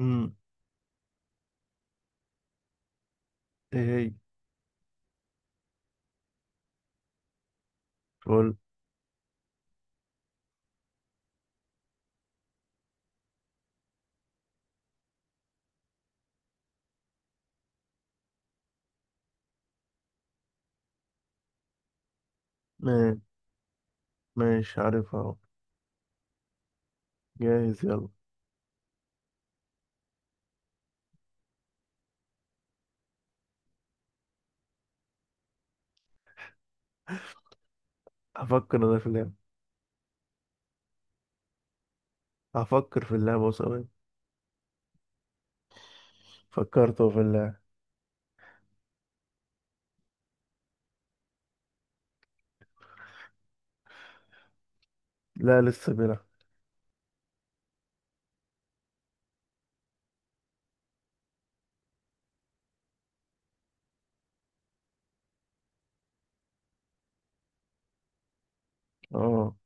امم ايه. هي. قول. ما- ماشي عارفها اهو. جاهز؟ يلا. هفكر انا في اللعبة. هفكر في اللعبة ثواني. فكرت أهو في اللعبة. لا، لسه بيلعب. اه.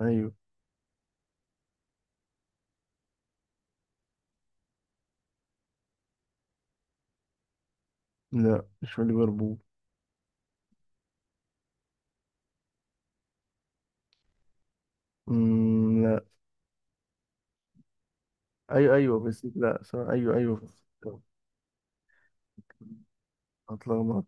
ايوه. لا، مش في ليفربول. لا. ايوه، ايوه، بس لا، سوري. ايوه، ايوه، اتلخبط.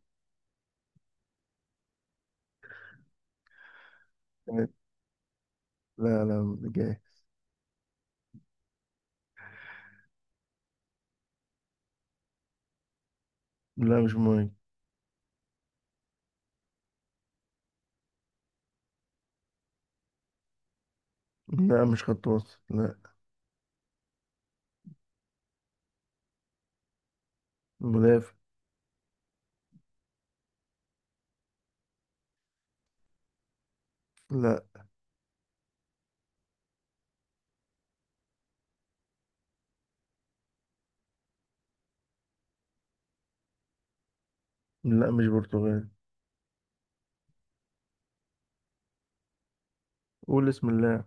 لا، لا، جاهز. لا، مش مهم. لا، مش خط وسط، لا. مدافع. لا. لا، مش برتغالي. قول اسم اللاعب.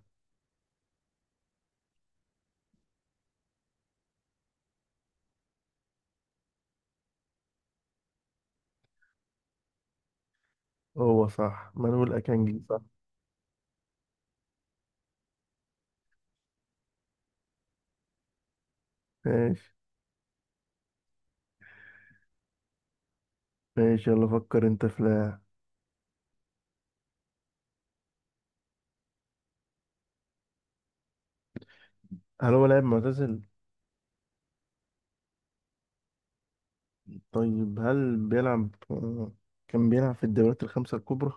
هو صح؟ مانويل اكانجي، صح؟ ماشي. ماشي، يلا، فكر انت في لاعب. هل هو لاعب معتزل؟ طيب، هل بيلعب كان بيلعب في الدوريات الخمسة الكبرى؟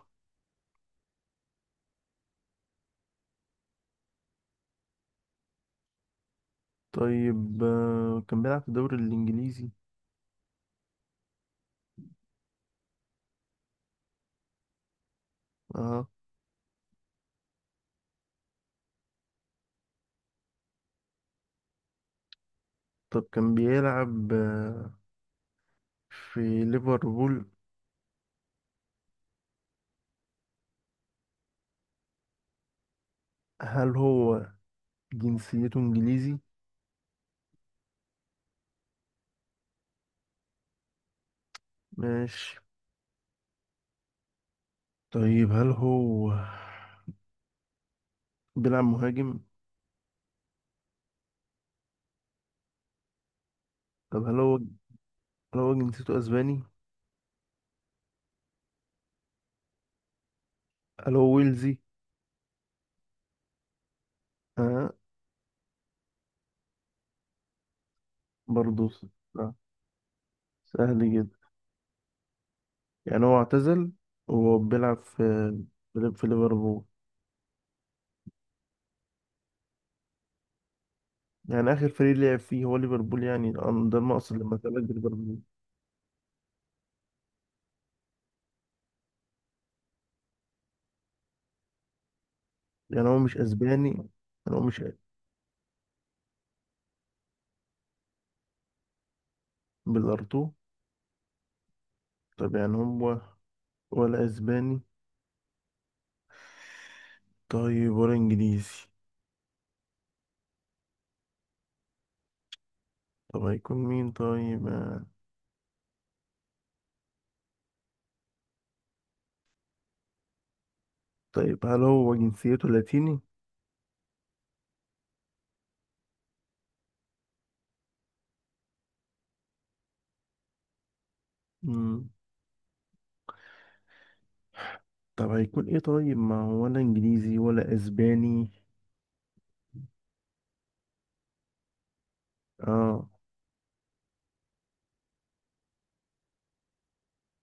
طيب كان بيلعب في الدوري الإنجليزي؟ اه. طب كان بيلعب في ليفربول؟ هل هو جنسيته إنجليزي؟ ماشي. طيب، هل هو بيلعب مهاجم؟ طب هل هو جنسيته أسباني؟ هل هو ويلزي؟ اه. برضه. آه. سهل جدا. يعني هو اعتزل وهو بيلعب في ليفربول؟ يعني آخر فريق لعب فيه هو ليفربول؟ يعني ده النقص اللي مثلا ليفربول. يعني هو مش أسباني؟ يعني هو مش بالأرتو؟ طب يعني هو ولا أسباني؟ طيب ولا إنجليزي؟ طب هيكون مين طيب طيب هل هو جنسيته لاتيني؟ مم. طب هيكون إيه؟ طيب، ما هو ولا إنجليزي ولا أسباني. آه.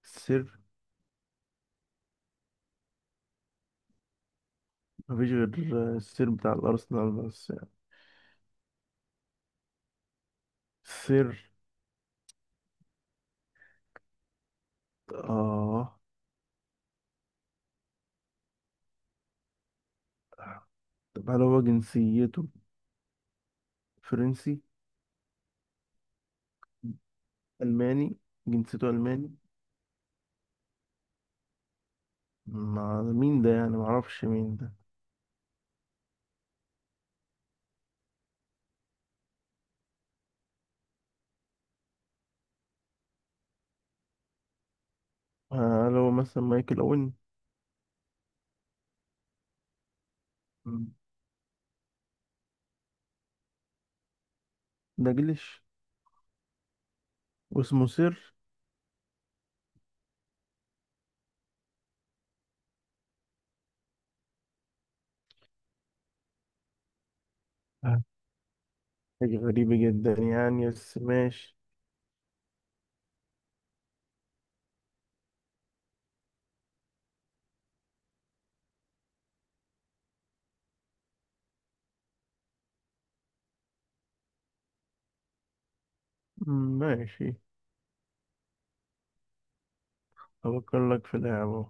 السر؟ مفيش غير السر بتاع الأرسنال بس يعني. السر؟ آه. طب هل هو جنسيته فرنسي؟ ألماني؟ جنسيته ألماني؟ مع مين ده يعني؟ معرفش مين ده. هل هو مثلا مايكل أوين؟ مم. داجلش؟ واسمه سير؟ آه. حاجة غريبة جدا يعني، بس ماشي. ماشي، أفكر لك في لعبة.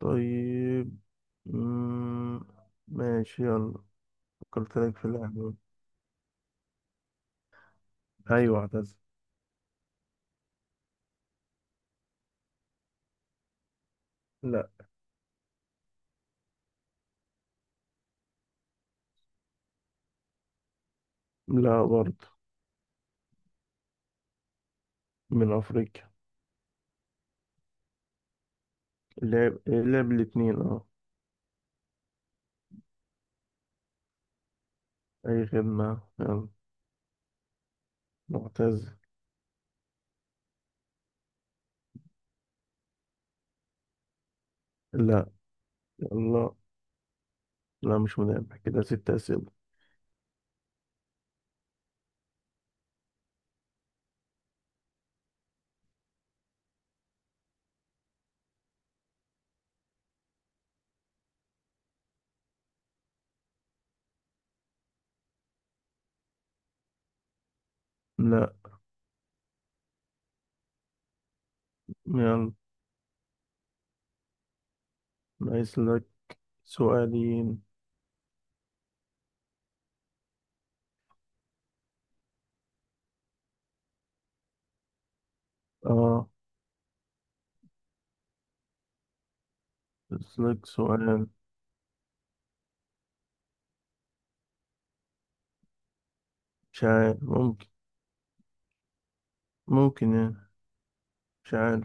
طيب. مم، ماشي، يلا. فكرت لك في لعبة. أيوة، اعتزل. لا. لا، برضه. من أفريقيا. لعب الاتنين، اه. أي خدمة، يلا. معتز. لا. يلا. لا، مش منافع، كده 6 أسئلة. لا. يلا. ناقص لك سؤالين. اه. ناقص لك سؤال. مش عارف. ممكن يعني. مش عارف.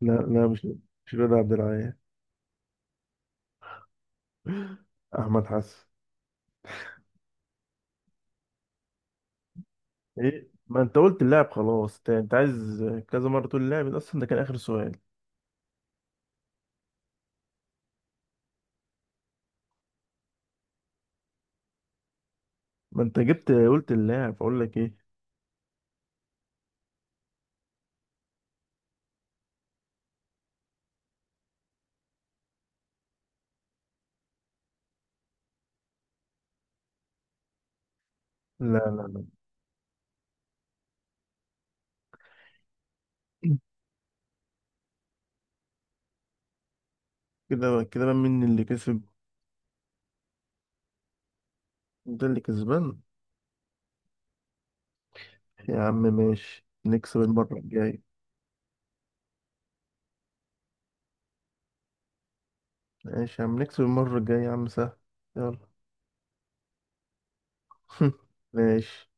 لا، لا، مش رضا عبد العال. أحمد حسن. إيه؟ ما أنت قلت اللاعب خلاص، أنت عايز كذا مرة تقول اللاعب ده. أصلا ده كان آخر سؤال. ما أنت جبت قلت اللاعب، أقول لك إيه؟ لا، لا، لا. كده بقى مين اللي كسب؟ ده اللي كسبان. يا عم ماشي، نكسب المرة الجاية. ماشي يا عم، نكسب المرة الجاية يا عم، سهل. يلا. ماشي.